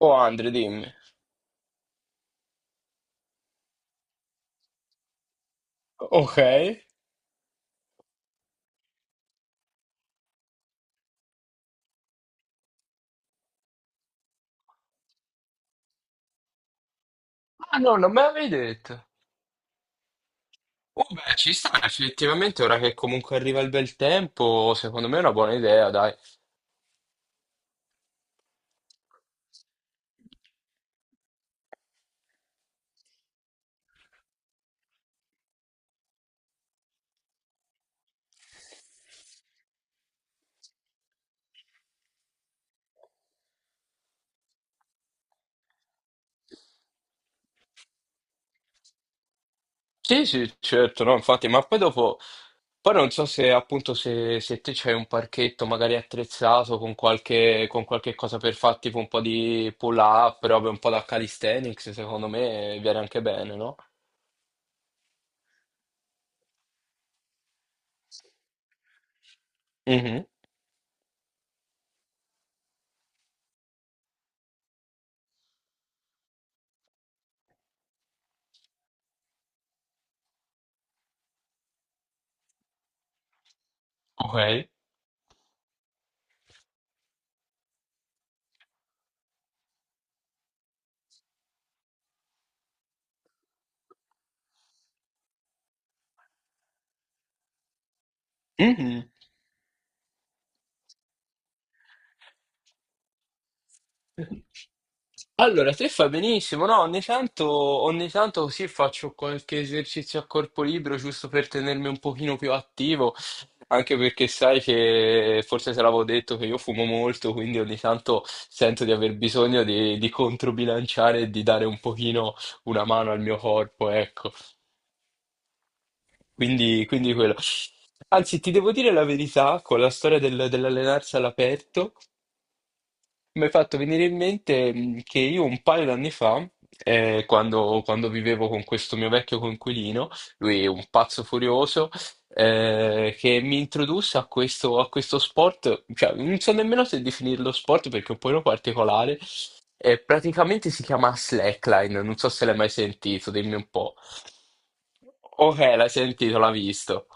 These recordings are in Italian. Oh Andre, dimmi. Ok. Ah no, non me l'avevi detto. Oh beh, ci sta effettivamente, ora che comunque arriva il bel tempo, secondo me è una buona idea, dai. Sì, sì, certo, no, infatti, ma poi dopo, poi non so se appunto se, te c'hai un parchetto magari attrezzato con qualche cosa per fare tipo un po' di pull-up, robe un po' da calisthenics, secondo me viene anche bene, no? Mhm. Ok. Mhm. Allora, te fa benissimo, no? Ogni tanto così faccio qualche esercizio a corpo libero giusto per tenermi un pochino più attivo, anche perché sai che forse te l'avevo detto che io fumo molto, quindi ogni tanto sento di aver bisogno di, controbilanciare e di dare un pochino una mano al mio corpo, ecco. Quindi quello. Anzi, ti devo dire la verità, con la storia dell'allenarsi all'aperto. Mi hai fatto venire in mente che io un paio d'anni fa, quando, vivevo con questo mio vecchio coinquilino, lui è un pazzo furioso, che mi introdusse a questo sport, cioè, non so nemmeno se definirlo sport perché è un po' particolare, praticamente si chiama slackline, non so se l'hai mai sentito, dimmi un po'. Ok, l'hai sentito, l'ha visto.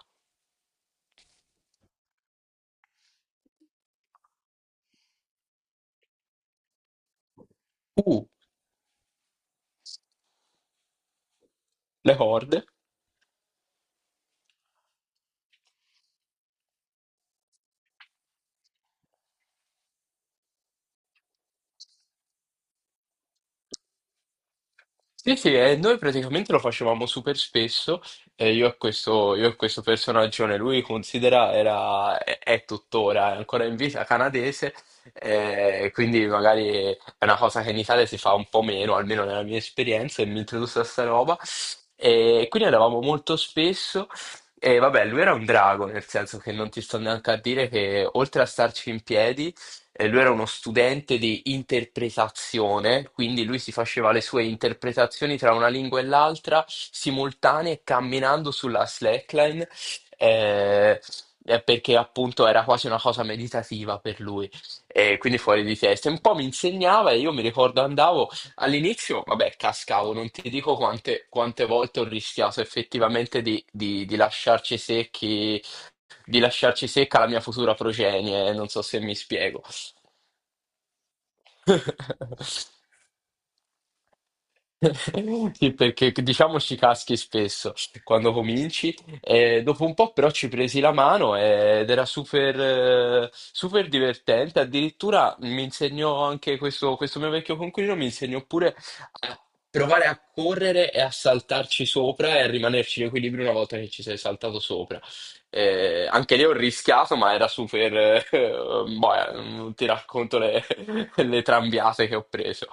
Uh, le corde. Sì, sì, e noi praticamente lo facevamo super spesso, io e questo personaggione, lui considera, era, è tuttora, è ancora in vita canadese, quindi magari è una cosa che in Italia si fa un po' meno, almeno nella mia esperienza, e mi introdusse a sta roba, e quindi andavamo molto spesso, e vabbè, lui era un drago, nel senso che non ti sto neanche a dire che oltre a starci in piedi, e lui era uno studente di interpretazione, quindi lui si faceva le sue interpretazioni tra una lingua e l'altra, simultanee, camminando sulla slackline, eh, perché appunto era quasi una cosa meditativa per lui, e quindi fuori di testa. E un po' mi insegnava e io mi ricordo andavo all'inizio, vabbè, cascavo, non ti dico quante, volte ho rischiato effettivamente di lasciarci secchi, di lasciarci secca la mia futura progenie, non so se mi spiego. Sì, perché diciamo ci caschi spesso quando cominci, e dopo un po' però ci presi la mano ed era super, super divertente. Addirittura mi insegnò anche questo mio vecchio coinquilino, mi insegnò pure a provare a correre e a saltarci sopra e a rimanerci in equilibrio una volta che ci sei saltato sopra. Anche lì ho rischiato, ma era super, boh, non ti racconto le, le trambiate che ho preso.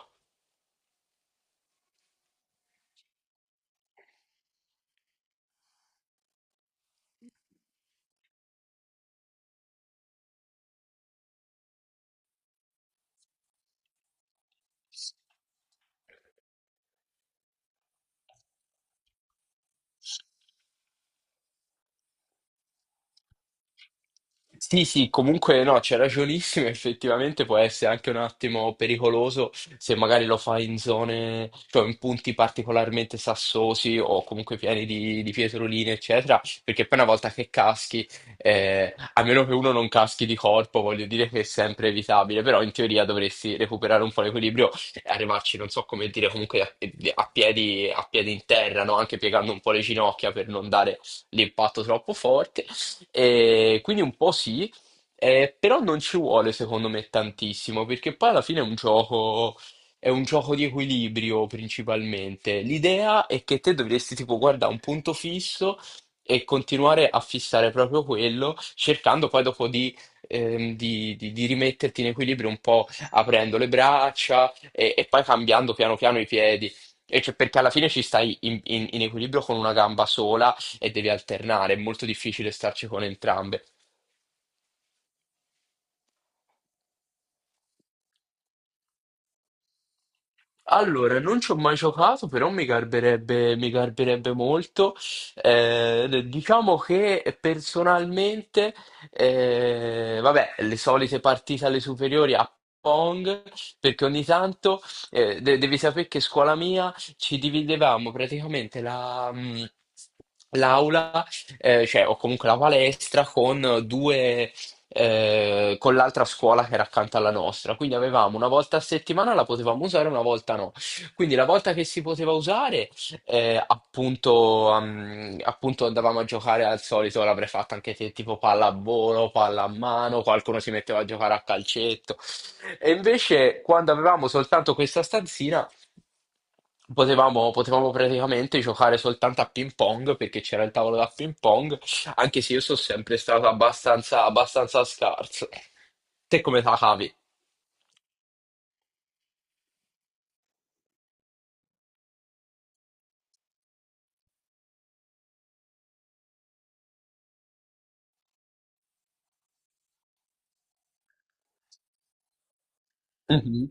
Sì, sì, comunque no, c'è ragionissimo, effettivamente può essere anche un attimo pericoloso se magari lo fai in zone, cioè in punti particolarmente sassosi o comunque pieni di pietroline, eccetera, perché poi una volta che caschi, a meno che uno non caschi di corpo, voglio dire che è sempre evitabile, però in teoria dovresti recuperare un po' l'equilibrio e arrivarci, non so come dire, comunque a piedi in terra, no? Anche piegando un po' le ginocchia per non dare l'impatto troppo forte. E quindi un po' sì, però non ci vuole secondo me tantissimo, perché poi alla fine è un gioco di equilibrio principalmente. L'idea è che te dovresti tipo guardare un punto fisso e continuare a fissare proprio quello, cercando poi dopo di rimetterti in equilibrio un po' aprendo le braccia e poi cambiando piano piano i piedi. E cioè, perché alla fine ci stai in equilibrio con una gamba sola e devi alternare, è molto difficile starci con entrambe. Allora, non ci ho mai giocato, però mi garberebbe molto. Diciamo che personalmente, vabbè, le solite partite alle superiori a Pong, perché ogni tanto, devi sapere che scuola mia ci dividevamo praticamente l'aula, cioè, o comunque la palestra con due con l'altra scuola che era accanto alla nostra. Quindi avevamo una volta a settimana la potevamo usare, una volta no. Quindi la volta che si poteva usare, appunto andavamo a giocare al solito, l'avrei fatta anche te, tipo pallavolo, palla a mano, qualcuno si metteva a giocare a calcetto. E invece quando avevamo soltanto questa stanzina, potevamo praticamente giocare soltanto a ping pong perché c'era il tavolo da ping pong anche se io sono sempre stato abbastanza, abbastanza scarso. Te come te la cavi? Mhm.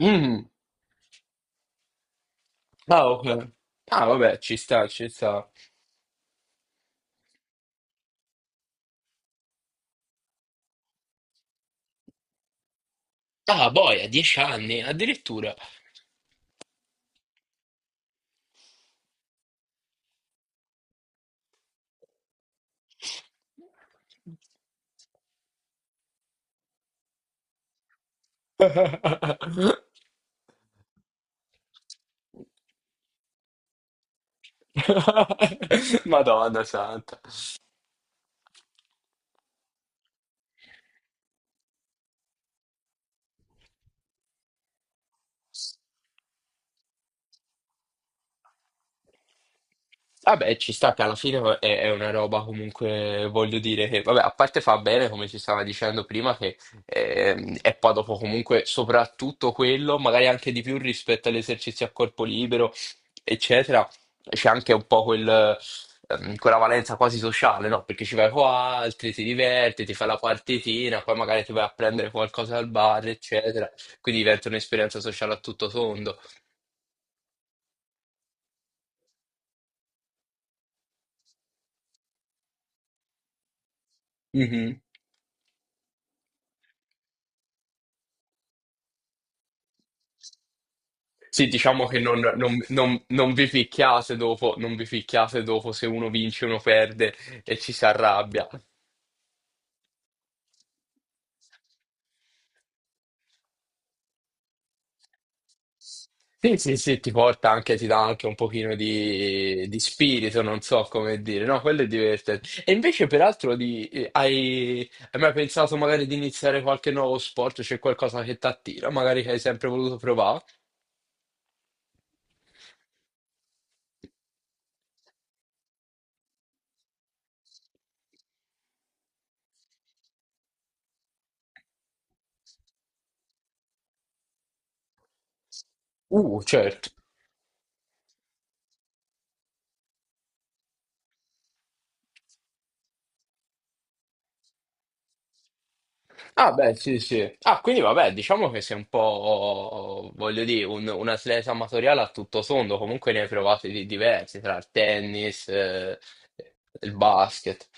Mhm. Ah, ok. Ah, vabbè, ci sta, ci sta. Ah, boia, 10 anni, addirittura. Madonna santa. Vabbè, ci sta che alla fine è, una roba comunque, voglio dire che, vabbè, a parte fa bene, come ci stava dicendo prima, che è poi dopo comunque soprattutto quello, magari anche di più rispetto agli esercizi a corpo libero, eccetera, c'è anche un po' quella valenza quasi sociale, no? Perché ci vai con altri, ti diverti, ti fai la partitina, poi magari ti vai a prendere qualcosa al bar, eccetera, quindi diventa un'esperienza sociale a tutto tondo. Mhm. Sì, diciamo che non, non vi picchiate dopo, non vi picchiate dopo se uno vince, uno perde e ci si arrabbia. Sì, sì, sì, ti porta anche, ti dà anche un pochino di spirito, non so come dire, no, quello è divertente. E invece, peraltro, hai mai pensato magari di iniziare qualche nuovo sport? C'è qualcosa che ti attira, magari che hai sempre voluto provare? Certo. Ah, beh, sì, sì. Ah, quindi vabbè, diciamo che sei un po', voglio dire, un atleta amatoriale a tutto tondo, comunque ne hai provati di diversi, tra il tennis, il basket.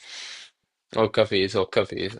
Ho capito, ho capito.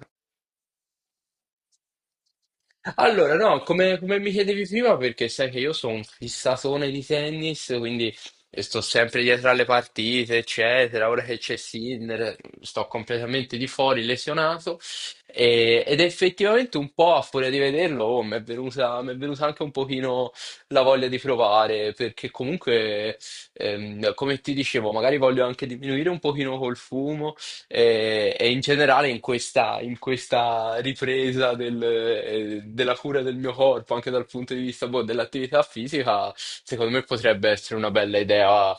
Allora, no, come mi chiedevi prima, perché sai che io sono un fissatone di tennis, quindi sto sempre dietro alle partite, eccetera. Ora che c'è Sinner, sto completamente di fuori, lesionato. Ed effettivamente un po' a furia di vederlo, oh, mi è venuta anche un pochino la voglia di provare, perché comunque, come ti dicevo, magari voglio anche diminuire un pochino col fumo e in generale in questa, ripresa della cura del mio corpo, anche dal punto di vista boh, dell'attività fisica, secondo me potrebbe essere una bella idea,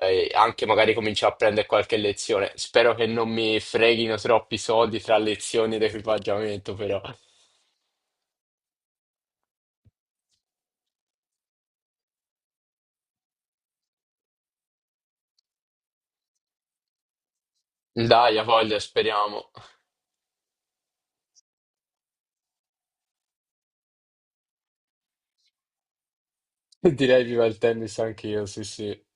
anche magari cominciare a prendere qualche lezione. Spero che non mi freghino troppi soldi tra lezioni ed equipaggiamento, però. Dai, a voglia, speriamo. Direi viva il tennis anch'io, sì, sì.